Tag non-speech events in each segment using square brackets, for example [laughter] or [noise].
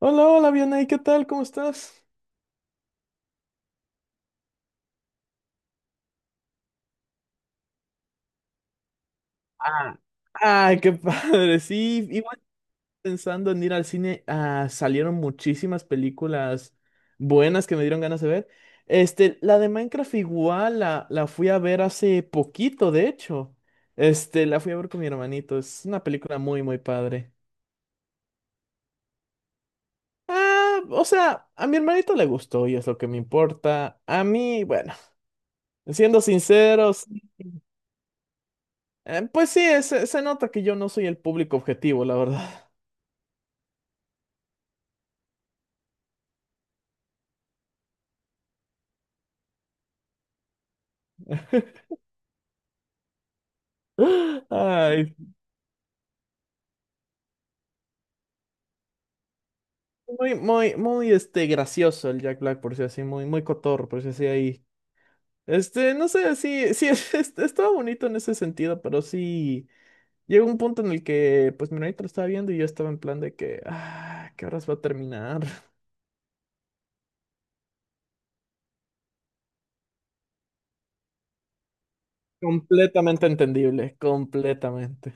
Hola, hola, Vianey, ¿qué tal? ¿Cómo estás? Ah, Ay, qué [laughs] padre. Sí, igual pensando en ir al cine, salieron muchísimas películas buenas que me dieron ganas de ver. La de Minecraft igual la fui a ver hace poquito, de hecho. La fui a ver con mi hermanito. Es una película muy, muy padre. O sea, a mi hermanito le gustó y es lo que me importa. A mí, bueno, siendo sinceros, pues sí, se nota que yo no soy el público objetivo, la verdad. Ay, muy, muy, muy, gracioso el Jack Black, por si así, muy, muy cotorro, por si así ahí. No sé, sí, sí, [laughs] estaba bonito en ese sentido, pero sí, llegó un punto en el que, pues, mi hermanito lo estaba viendo y yo estaba en plan de que, ¿qué horas va a terminar? [laughs] Completamente entendible, completamente.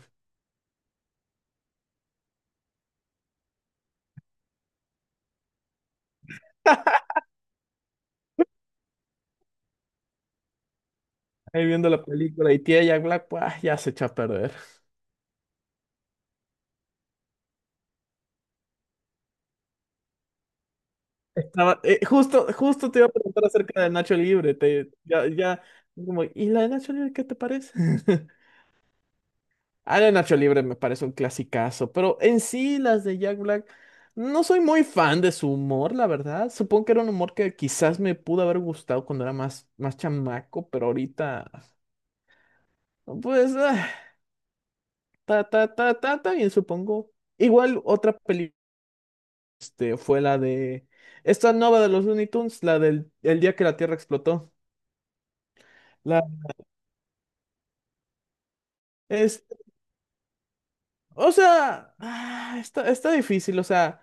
Ahí viendo la película y tía Jack Black, pues, ya se echó a perder. Justo, justo te iba a preguntar acerca de Nacho Libre, ya, ya, como, ¿y la de Nacho Libre qué te parece? [laughs] De Nacho Libre me parece un clasicazo, pero en sí las de Jack Black no soy muy fan de su humor, la verdad. Supongo que era un humor que quizás me pudo haber gustado cuando era más, más chamaco, pero ahorita, pues, ta, ta, ta, ta, ta, bien, supongo. Igual otra película fue la de esta nueva de los Looney Tunes, la del el día que la Tierra explotó. La, es, o sea, está difícil, o sea.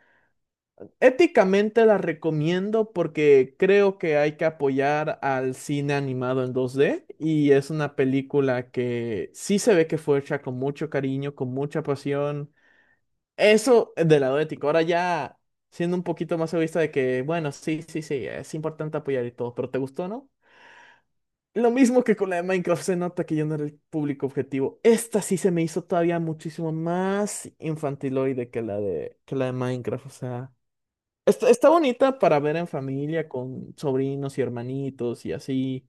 Éticamente la recomiendo porque creo que hay que apoyar al cine animado en 2D y es una película que sí se ve que fue hecha con mucho cariño, con mucha pasión. Eso del lado ético. Ahora ya siendo un poquito más egoísta de que, bueno, sí, sí, sí, es importante apoyar y todo, pero ¿te gustó, no? Lo mismo que con la de Minecraft, se nota que yo no era el público objetivo. Esta sí se me hizo todavía muchísimo más infantiloide que que la de Minecraft, o sea. Está bonita para ver en familia con sobrinos y hermanitos y así,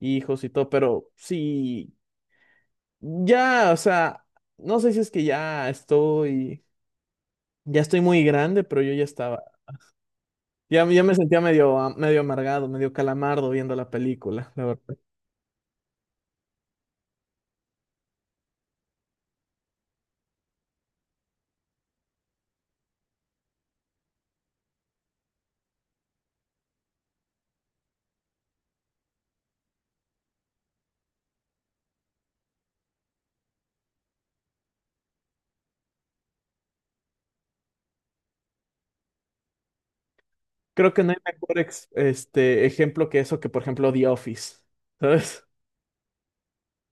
hijos y todo, pero sí, ya, o sea, no sé si es que ya estoy muy grande, pero yo ya estaba, ya, ya me sentía medio, medio amargado, medio calamardo viendo la película, la verdad. Creo que no hay mejor ejemplo que eso que, por ejemplo, The Office, ¿sabes?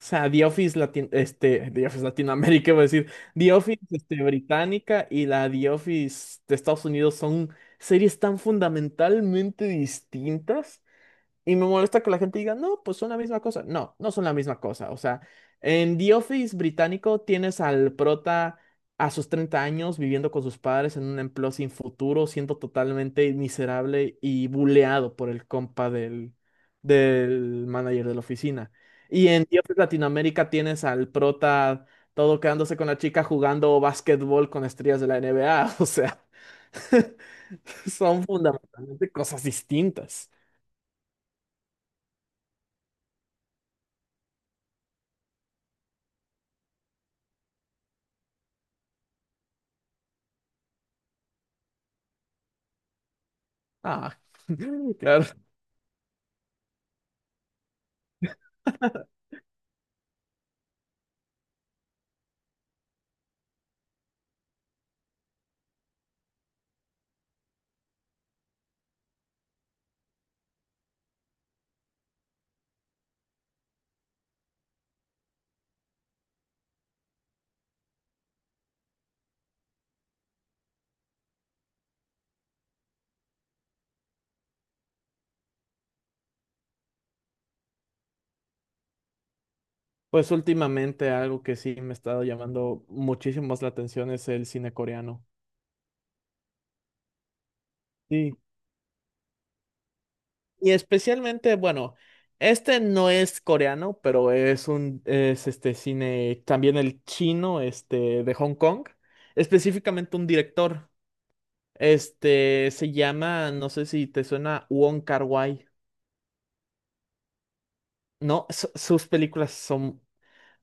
O sea, The Office Latinoamérica, [laughs] iba a decir, The Office, británica y la The Office de Estados Unidos son series tan fundamentalmente distintas y me molesta que la gente diga, no, pues son la misma cosa. No, no son la misma cosa. O sea, en The Office británico tienes al prota a sus 30 años viviendo con sus padres en un empleo sin futuro, siendo totalmente miserable y buleado por el compa del manager de la oficina. Y en The Office Latinoamérica tienes al prota todo quedándose con la chica jugando básquetbol con estrellas de la NBA. [laughs] O sea, [laughs] son fundamentalmente cosas distintas. Ah, [laughs] claro. Pues últimamente algo que sí me ha estado llamando muchísimo más la atención es el cine coreano. Sí. Y especialmente, bueno, este no es coreano, pero es este cine, también el chino, de Hong Kong. Específicamente un director. Este se llama, no sé si te suena, Wong Kar-wai. No, sus películas son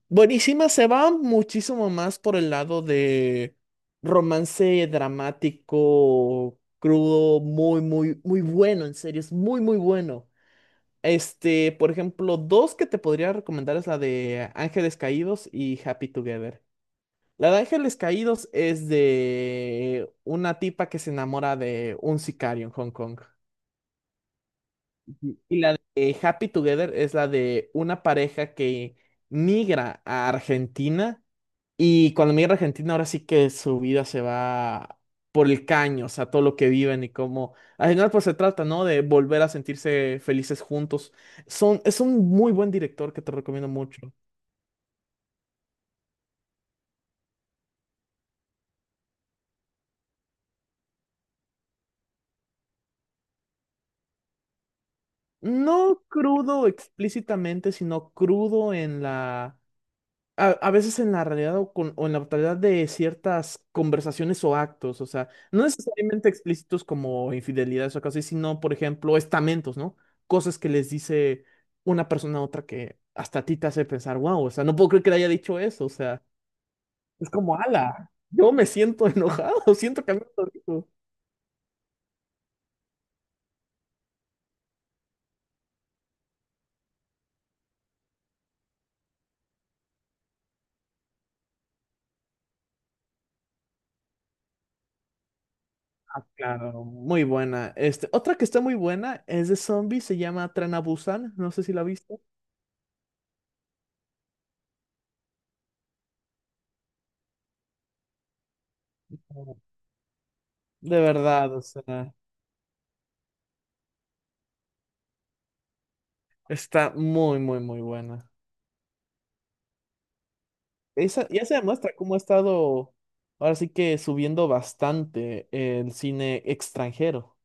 Buenísima, se va muchísimo más por el lado de romance dramático, crudo, muy, muy, muy bueno, en serio, es muy, muy bueno. Por ejemplo, dos que te podría recomendar es la de Ángeles Caídos y Happy Together. La de Ángeles Caídos es de una tipa que se enamora de un sicario en Hong Kong. Happy Together es la de una pareja que migra a Argentina. Y cuando me a Argentina, ahora sí que su vida se va por el caño, o sea, todo lo que viven y cómo. Al final, pues se trata, ¿no? De volver a sentirse felices juntos. Es un muy buen director que te recomiendo mucho. No crudo explícitamente, sino crudo en la a veces en la realidad o, o en la brutalidad de ciertas conversaciones o actos, o sea, no necesariamente explícitos como infidelidades o cosas, así, sino, por ejemplo, estamentos, ¿no? Cosas que les dice una persona a otra que hasta a ti te hace pensar, wow, o sea, no puedo creer que le haya dicho eso, o sea, es como, ala, yo me siento enojado, [laughs] siento que a mí me lo dijo. Claro, muy buena. Otra que está muy buena es de zombies, se llama Tren a Busan, no sé si la viste. De verdad, o sea. Está muy, muy, muy buena. Esa, ya se demuestra cómo ha estado, ahora sí que subiendo bastante el cine extranjero.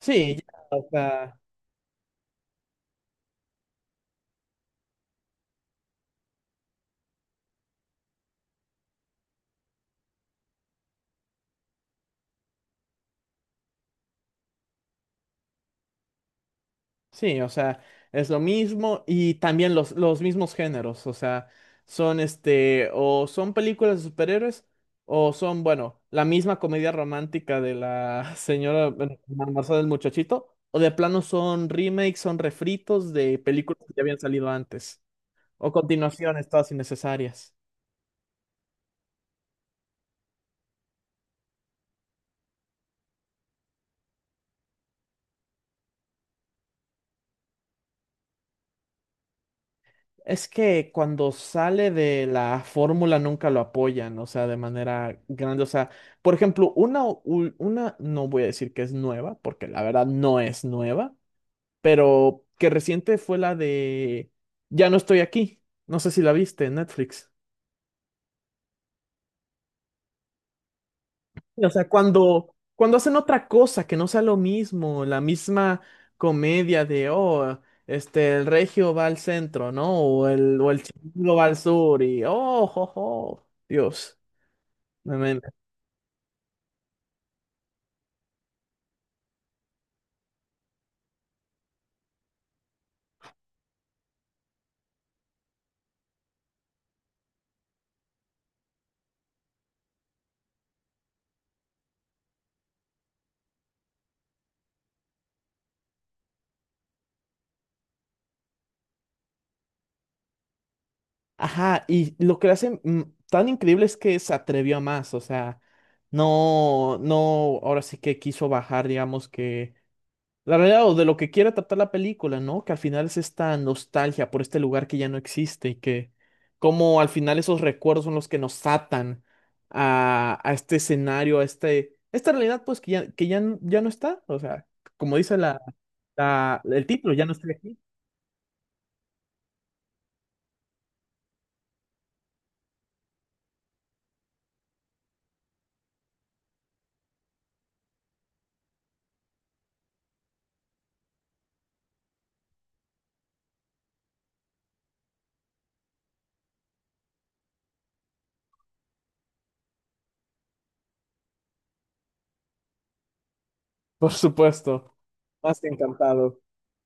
Sí, ya, o sea, sí, o sea, es lo mismo y también los mismos géneros, o sea, son o son películas de superhéroes o son, bueno, la misma comedia romántica de la [laughs] señora bueno, Marcela del Muchachito, o de plano son remakes, son refritos de películas que ya habían salido antes. O continuaciones todas innecesarias. Es que cuando sale de la fórmula nunca lo apoyan, o sea, de manera grande. O sea, por ejemplo, una, no voy a decir que es nueva, porque la verdad no es nueva, pero que reciente fue la de Ya no estoy aquí. No sé si la viste en Netflix. O sea, cuando hacen otra cosa que no sea lo mismo, la misma comedia de, oh, el regio va al centro, ¿no? O el chico va al sur y, oh, jo, jo, Dios. me- me- Ajá, y lo que lo hace tan increíble es que se atrevió a más, o sea, no, no, ahora sí que quiso bajar, digamos que la realidad o de lo que quiere tratar la película, ¿no? Que al final es esta nostalgia por este lugar que ya no existe y que como al final esos recuerdos son los que nos atan a este escenario, esta realidad pues que ya, ya no está. O sea, como dice el título, ya no estoy aquí. [laughs] Por supuesto, más que encantado.